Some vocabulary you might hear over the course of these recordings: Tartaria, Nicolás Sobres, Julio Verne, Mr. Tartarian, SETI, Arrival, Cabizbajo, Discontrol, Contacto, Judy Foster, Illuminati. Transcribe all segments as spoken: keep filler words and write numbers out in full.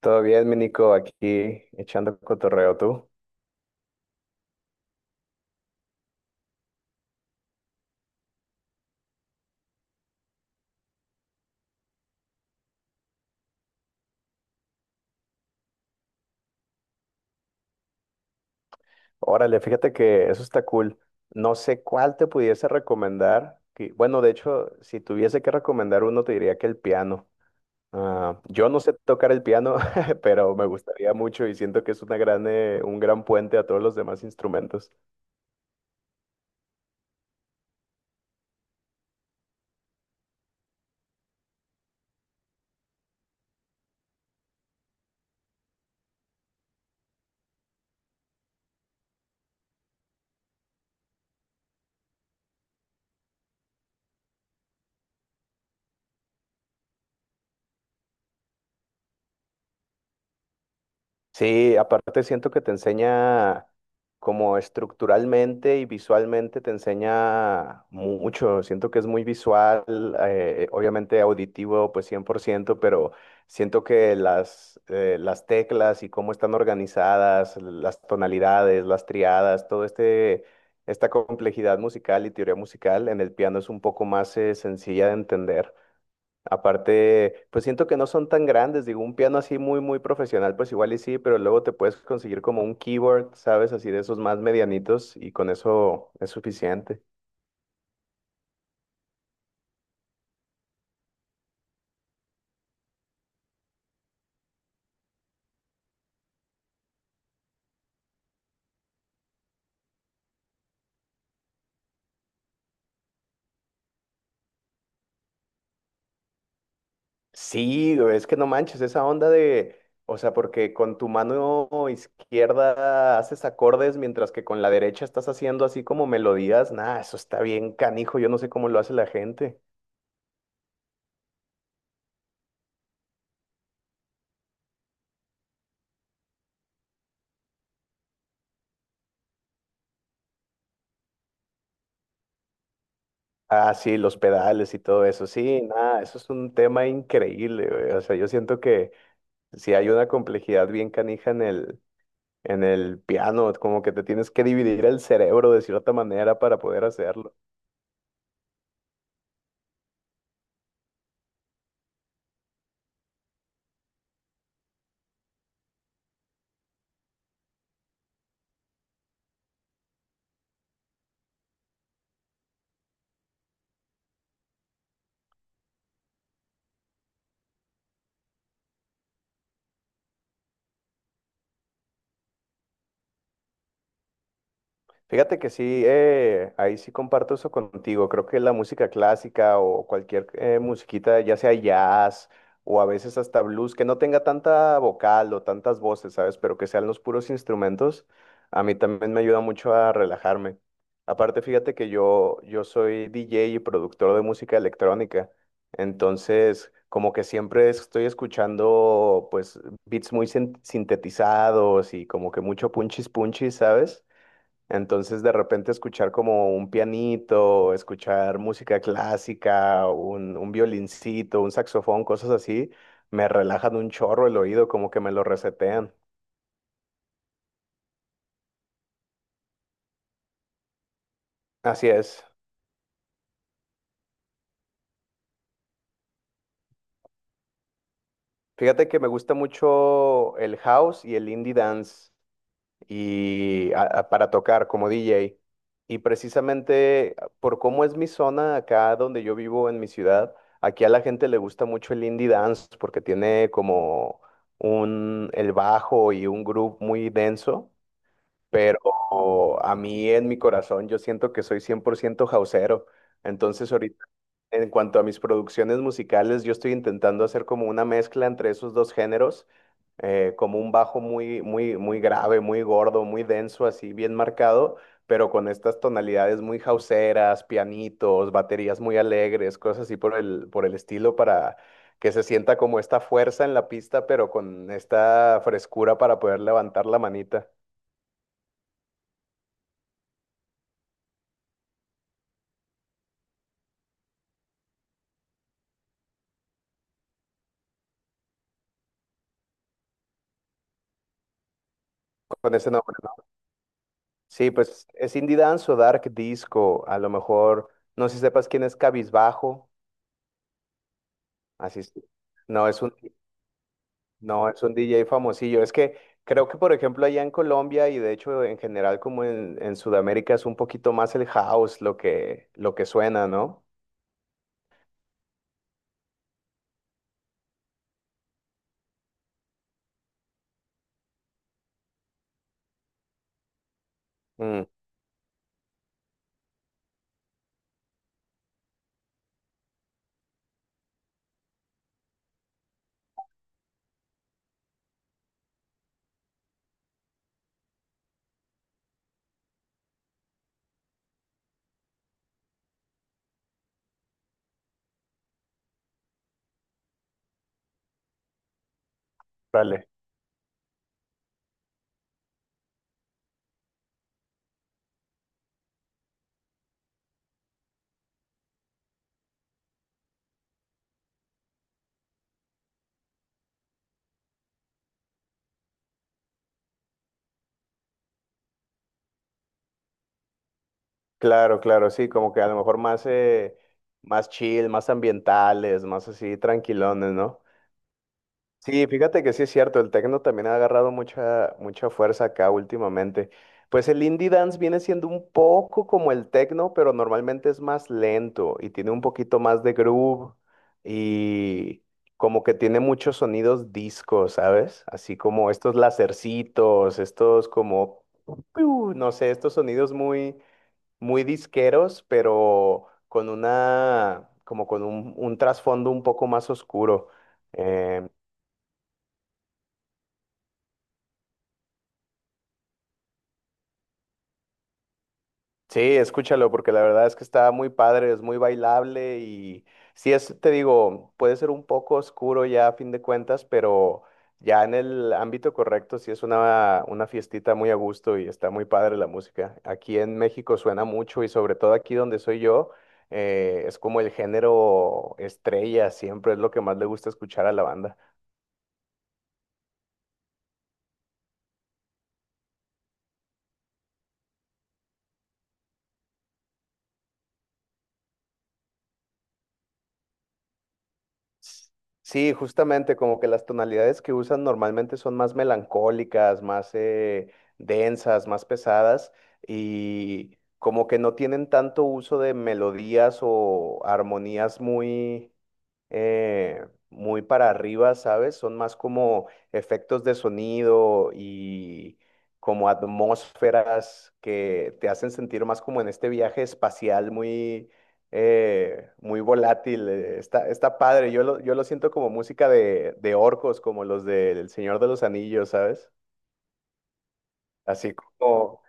Todo bien, mi Nico, aquí echando cotorreo tú. Órale, fíjate que eso está cool. No sé cuál te pudiese recomendar. que- Bueno, de hecho, si tuviese que recomendar uno, te diría que el piano. Ah, yo no sé tocar el piano, pero me gustaría mucho y siento que es una gran, eh, un gran puente a todos los demás instrumentos. Sí, aparte siento que te enseña como estructuralmente y visualmente te enseña mu- mucho. Siento que es muy visual, eh, obviamente auditivo, pues cien por ciento, pero siento que las, eh, las teclas y cómo están organizadas, las tonalidades, las triadas, todo este, esta complejidad musical y teoría musical en el piano es un poco más, eh, sencilla de entender. Aparte, pues siento que no son tan grandes, digo, un piano así muy, muy profesional, pues igual y sí, pero luego te puedes conseguir como un keyboard, ¿sabes? Así de esos más medianitos y con eso es suficiente. Sí, güey, es que no manches, esa onda de, o sea, porque con tu mano izquierda haces acordes mientras que con la derecha estás haciendo así como melodías, nada, eso está bien canijo, yo no sé cómo lo hace la gente. Ah, sí, los pedales y todo eso, sí, nada, eso es un tema increíble, güey, o sea, yo siento que... Sí, hay una complejidad bien canija en el, en el piano, como que te tienes que dividir el cerebro de cierta manera para poder hacerlo. Fíjate que sí, eh, ahí sí comparto eso contigo. Creo que la música clásica o cualquier eh, musiquita, ya sea jazz o a veces hasta blues, que no tenga tanta vocal o tantas voces, ¿sabes? Pero que sean los puros instrumentos, a mí también me ayuda mucho a relajarme. Aparte, fíjate que yo, yo soy D J y productor de música electrónica, entonces como que siempre estoy escuchando pues beats muy sin- sintetizados y como que mucho punchis punchis, ¿sabes? Entonces, de repente escuchar como un pianito, escuchar música clásica, un, un violincito, un saxofón, cosas así, me relajan un chorro el oído, como que me lo resetean. Así es. Fíjate que me gusta mucho el house y el indie dance. Y a- a- para tocar como D J. Y precisamente ah, por cómo es mi zona acá donde yo vivo en mi ciudad, aquí a la gente le gusta mucho el indie dance porque tiene como un el bajo y un groove muy denso, pero a mí en mi corazón yo siento que soy cien por ciento houseero. Entonces ahorita en cuanto a mis producciones musicales, yo estoy intentando hacer como una mezcla entre esos dos géneros eh, como un bajo muy, muy, muy grave, muy gordo, muy denso, así bien marcado, pero con estas tonalidades muy jauseras, pianitos, baterías muy alegres, cosas así por el, por el estilo para que se sienta como esta fuerza en la pista, pero con esta frescura para poder levantar la manita con ese nombre, ¿no? Sí, pues es indie dance o dark disco, a lo mejor, no sé si sepas quién es Cabizbajo, así es. No, es un No, es un D J famosillo. Es que creo que, por ejemplo, allá en Colombia y de hecho en general como en, en Sudamérica es un poquito más el house lo que, lo que suena, ¿no? Mm, vale. Claro, claro, sí, como que a lo mejor más, eh, más chill, más ambientales, más así tranquilones, ¿no? Sí, fíjate que sí es cierto, el techno también ha agarrado mucha, mucha fuerza acá últimamente. Pues el indie dance viene siendo un poco como el techno, pero normalmente es más lento y tiene un poquito más de groove y como que tiene muchos sonidos disco, ¿sabes? Así como estos lacercitos, estos como, piu, no sé, estos sonidos muy, muy disqueros, pero con una, como con un, un trasfondo un poco más oscuro. Em, Sí, escúchalo, porque la verdad es que está muy padre, es muy bailable y sí es, te digo, puede ser un poco oscuro ya a fin de cuentas, pero ya en el ámbito correcto sí es una, una fiestita muy a gusto y está muy padre la música. Aquí en México suena mucho y sobre todo aquí donde soy yo, eh, es como el género estrella, siempre es lo que más le gusta escuchar a la banda. Sí, justamente como que las tonalidades que usan normalmente son más melancólicas, más eh, densas, más pesadas y como que no tienen tanto uso de melodías o armonías muy, eh, muy para arriba, ¿sabes? Son más como efectos de sonido y como atmósferas que te hacen sentir más como en este viaje espacial muy, eh, muy volátil. eh, Está, está padre. Yo lo, yo lo siento como música de, de orcos, como los del Señor de los Anillos, ¿sabes? Así como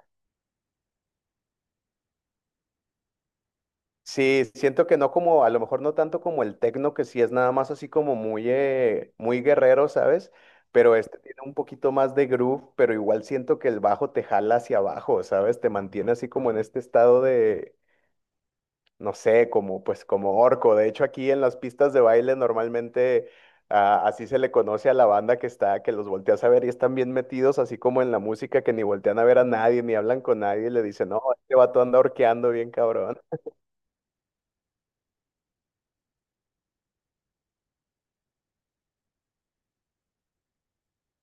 sí, siento que no como, a lo mejor no tanto como el tecno, que sí es nada más así como muy, eh, muy guerrero, ¿sabes? Pero este tiene un poquito más de groove, pero igual siento que el bajo te jala hacia abajo, ¿sabes? Te mantiene así como en este estado de, no sé, como pues como orco. De hecho, aquí en las pistas de baile normalmente ah, así se le conoce a la banda que está, que los volteas a ver y están bien metidos, así como en la música, que ni voltean a ver a nadie, ni hablan con nadie, y le dicen, no, este vato anda orqueando bien cabrón.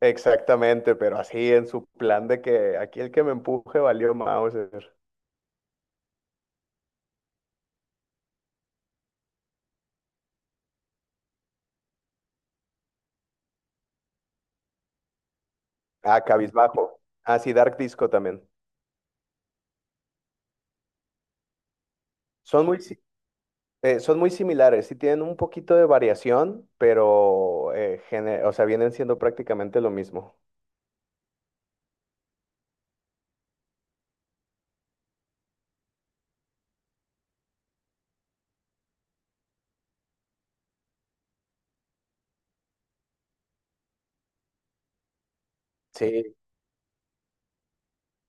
Exactamente, pero así en su plan de que aquí el que me empuje valió Mauser. Ah, Cabizbajo. Ah, sí, Dark Disco también. Son muy, si- eh, son muy similares, sí tienen un poquito de variación, pero eh, gene- o sea, vienen siendo prácticamente lo mismo. Sí,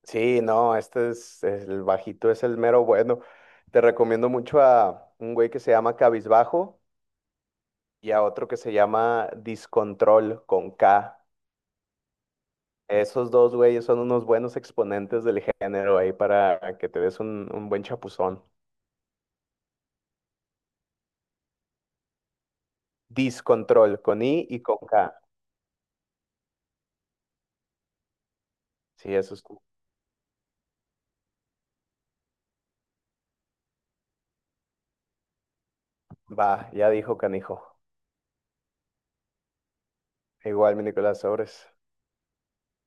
sí, no, este es, es el bajito, es el mero bueno. Te recomiendo mucho a un güey que se llama Cabizbajo y a otro que se llama Discontrol con K. Esos dos güeyes son unos buenos exponentes del género ahí para que te des un, un buen chapuzón. Discontrol, con I y con K. Sí, eso es. Va, ya dijo canijo. Igual mi Nicolás Sobres.